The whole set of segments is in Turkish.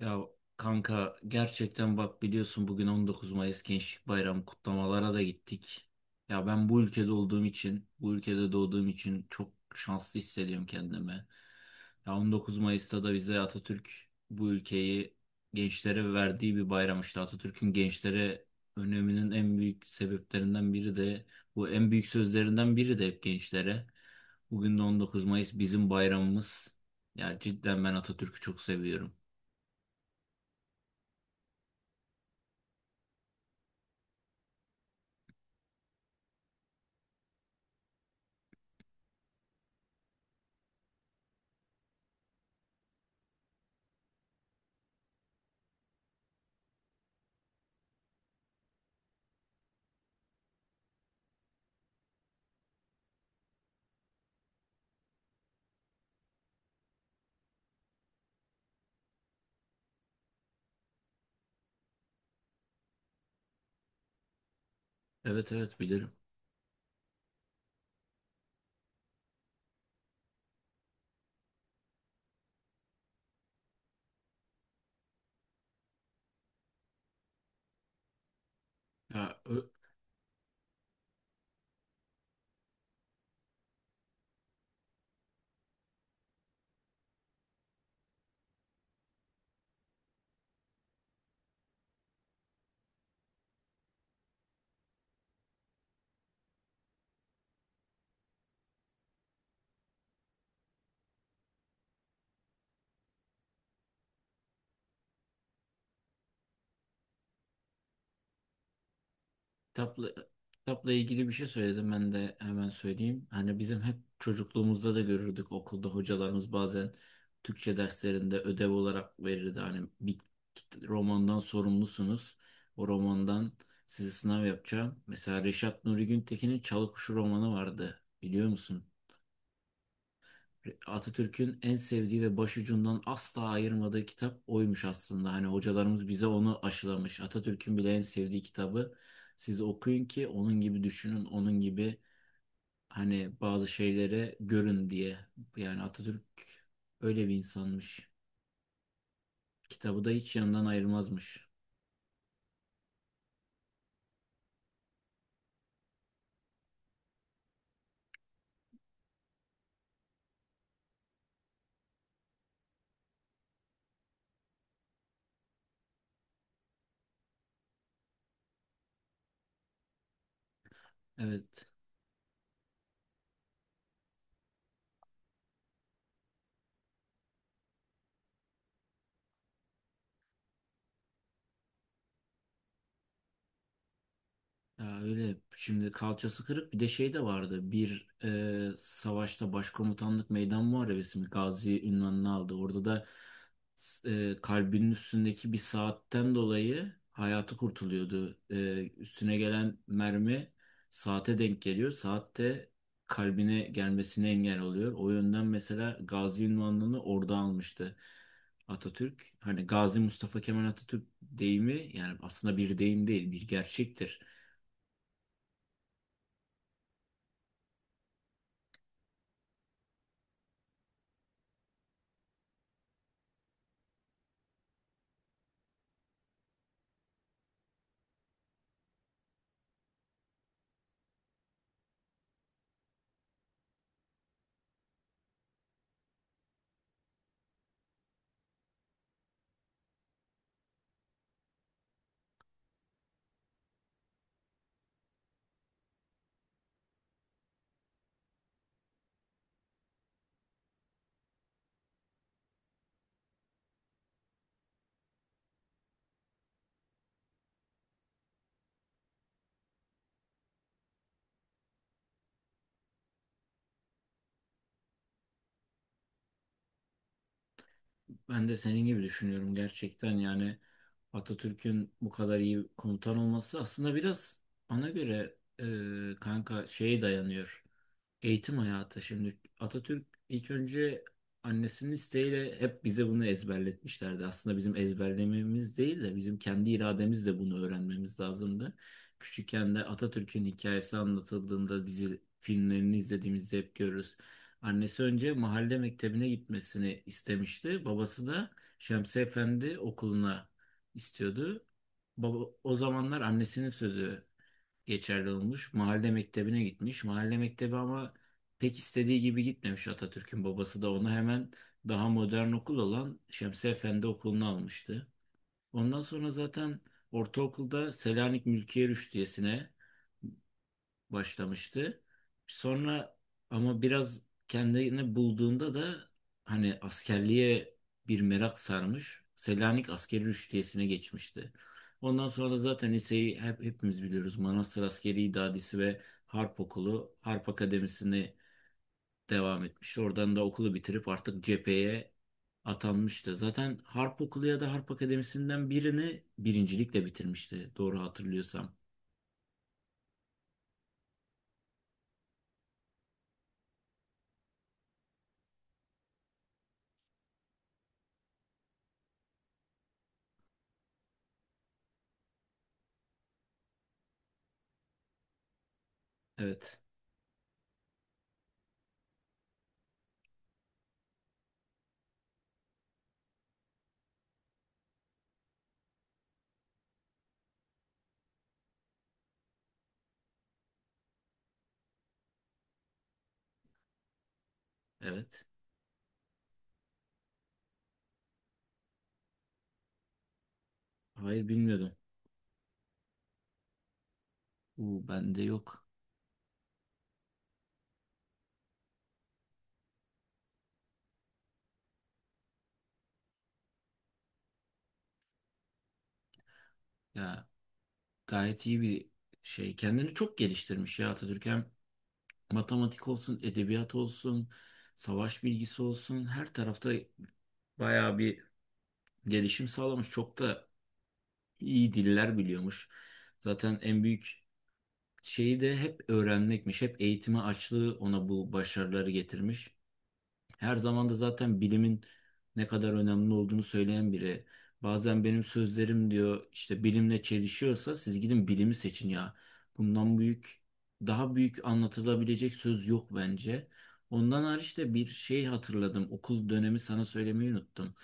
Ya kanka gerçekten bak biliyorsun bugün 19 Mayıs Gençlik Bayramı kutlamalara da gittik. Ya ben bu ülkede olduğum için, bu ülkede doğduğum için çok şanslı hissediyorum kendimi. Ya 19 Mayıs'ta da bize Atatürk bu ülkeyi gençlere verdiği bir bayram işte. Atatürk'ün gençlere öneminin en büyük sebeplerinden biri de bu en büyük sözlerinden biri de hep gençlere. Bugün de 19 Mayıs bizim bayramımız. Ya cidden ben Atatürk'ü çok seviyorum. Evet, evet, bilirim. Ya, ö- kitapla, kitapla ilgili bir şey söyledim ben de hemen söyleyeyim. Hani bizim hep çocukluğumuzda da görürdük okulda hocalarımız bazen Türkçe derslerinde ödev olarak verirdi. Hani bir romandan sorumlusunuz. O romandan size sınav yapacağım. Mesela Reşat Nuri Güntekin'in Çalıkuşu romanı vardı. Biliyor musun? Atatürk'ün en sevdiği ve başucundan asla ayırmadığı kitap oymuş aslında. Hani hocalarımız bize onu aşılamış. Atatürk'ün bile en sevdiği kitabı siz okuyun ki onun gibi düşünün, onun gibi hani bazı şeylere görün diye. Yani Atatürk öyle bir insanmış. Kitabı da hiç yanından ayırmazmış. Evet. Ya öyle şimdi kalçası kırık bir de şey de vardı bir savaşta başkomutanlık meydan muharebesi mi Gazi ünvanını aldı orada da, kalbinin üstündeki bir saatten dolayı hayatı kurtuluyordu. Üstüne gelen mermi saate denk geliyor, saatte kalbine gelmesine engel oluyor. O yönden mesela Gazi ünvanını orada almıştı Atatürk. Hani Gazi Mustafa Kemal Atatürk deyimi yani aslında bir deyim değil, bir gerçektir. Ben de senin gibi düşünüyorum gerçekten. Yani Atatürk'ün bu kadar iyi komutan olması aslında biraz bana göre, kanka, şeye dayanıyor. Eğitim hayatı. Şimdi Atatürk ilk önce annesinin isteğiyle, hep bize bunu ezberletmişlerdi. Aslında bizim ezberlememiz değil de bizim kendi irademizle bunu öğrenmemiz lazımdı. Küçükken de Atatürk'ün hikayesi anlatıldığında, dizi filmlerini izlediğimizde hep görürüz. Annesi önce mahalle mektebine gitmesini istemişti. Babası da Şemsi Efendi okuluna istiyordu. Baba, o zamanlar annesinin sözü geçerli olmuş. Mahalle mektebine gitmiş. Mahalle mektebi ama pek istediği gibi gitmemiş. Atatürk'ün babası da onu hemen daha modern okul olan Şemsi Efendi Okulu'nu almıştı. Ondan sonra zaten ortaokulda Selanik Mülkiye Rüştiyesi'ne başlamıştı. Sonra ama biraz kendini bulduğunda da hani askerliğe bir merak sarmış. Selanik Askeri Rüştiyesi'ne geçmişti. Ondan sonra da zaten liseyi hep hepimiz biliyoruz. Manastır Askeri İdadisi ve Harp Okulu, Harp Akademisi'ne devam etmiş. Oradan da okulu bitirip artık cepheye atanmıştı. Zaten Harp Okulu ya da Harp Akademisi'nden birini birincilikle bitirmişti. Doğru hatırlıyorsam. Evet. Evet. Hayır, bilmiyordum. Bu bende yok. Ya, gayet iyi bir şey. Kendini çok geliştirmiş ya Atatürk. Hem matematik olsun, edebiyat olsun, savaş bilgisi olsun. Her tarafta bayağı bir gelişim sağlamış. Çok da iyi diller biliyormuş. Zaten en büyük şeyi de hep öğrenmekmiş. Hep eğitime açlığı ona bu başarıları getirmiş. Her zaman da zaten bilimin ne kadar önemli olduğunu söyleyen biri. Bazen benim sözlerim diyor işte bilimle çelişiyorsa siz gidin bilimi seçin ya. Bundan büyük, daha büyük anlatılabilecek söz yok bence. Ondan hariç de bir şey hatırladım. Okul dönemi sana söylemeyi unuttum,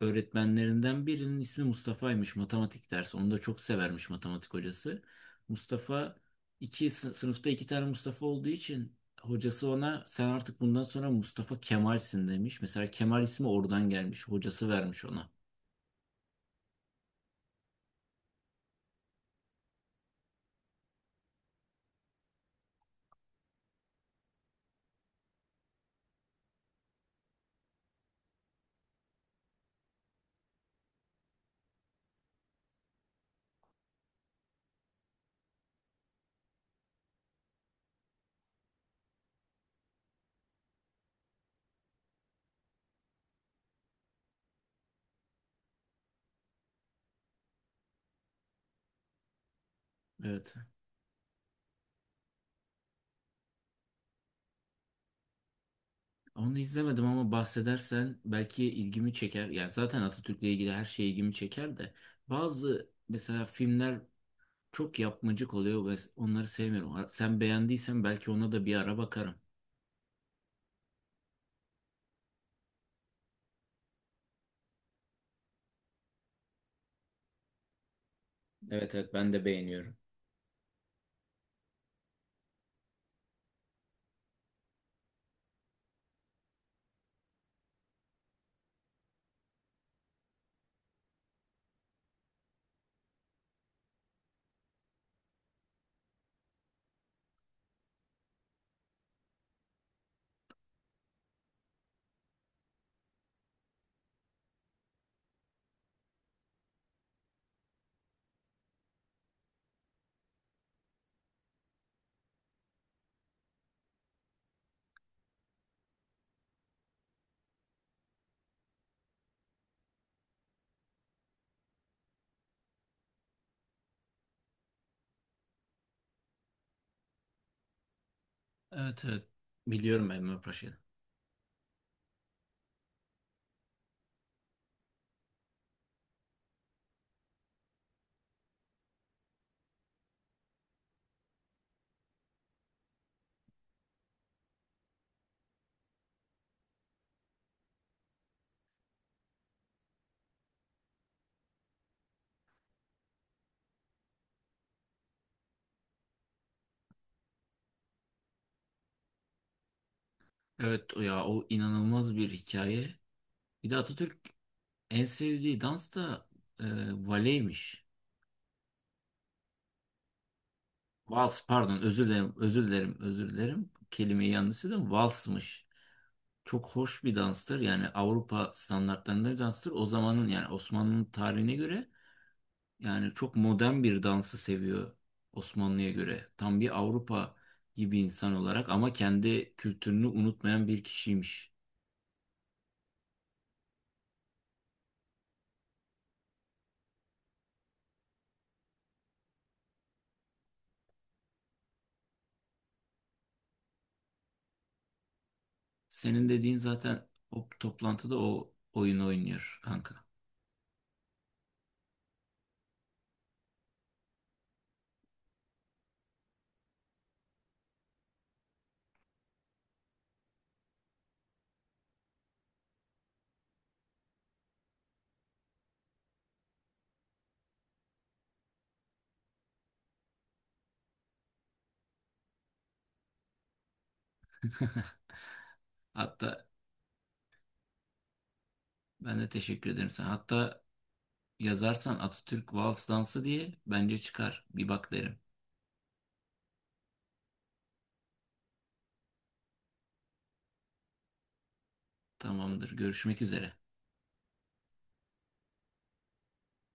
öğretmenlerinden birinin ismi Mustafa'ymış, matematik dersi. Onu da çok severmiş matematik hocası. Mustafa. Sınıfta iki tane Mustafa olduğu için hocası ona sen artık bundan sonra Mustafa Kemal'sin demiş. Mesela Kemal ismi oradan gelmiş. Hocası vermiş ona. Evet. Onu izlemedim ama bahsedersen belki ilgimi çeker. Yani zaten Atatürk'le ilgili her şey ilgimi çeker de bazı mesela filmler çok yapmacık oluyor ve onları sevmiyorum. Sen beğendiysen belki ona da bir ara bakarım. Evet, evet, ben de beğeniyorum. Evet, evet, biliyorum Enver Paşa'yı. Evet, o ya, o inanılmaz bir hikaye. Bir de Atatürk en sevdiği dans da e, valeymiş. Vals, pardon, özür dilerim, özür dilerim, özür dilerim. Kelimeyi yanlış söyledim, valsmış. Çok hoş bir danstır yani, Avrupa standartlarında bir danstır. O zamanın yani Osmanlı'nın tarihine göre, yani çok modern bir dansı seviyor Osmanlı'ya göre. Tam bir Avrupa gibi insan olarak ama kendi kültürünü unutmayan bir kişiymiş. Senin dediğin zaten o toplantıda o oyunu oynuyor kanka. Hatta ben de teşekkür ederim sana. Hatta yazarsan Atatürk Vals Dansı diye bence çıkar. Bir bak derim. Tamamdır. Görüşmek üzere.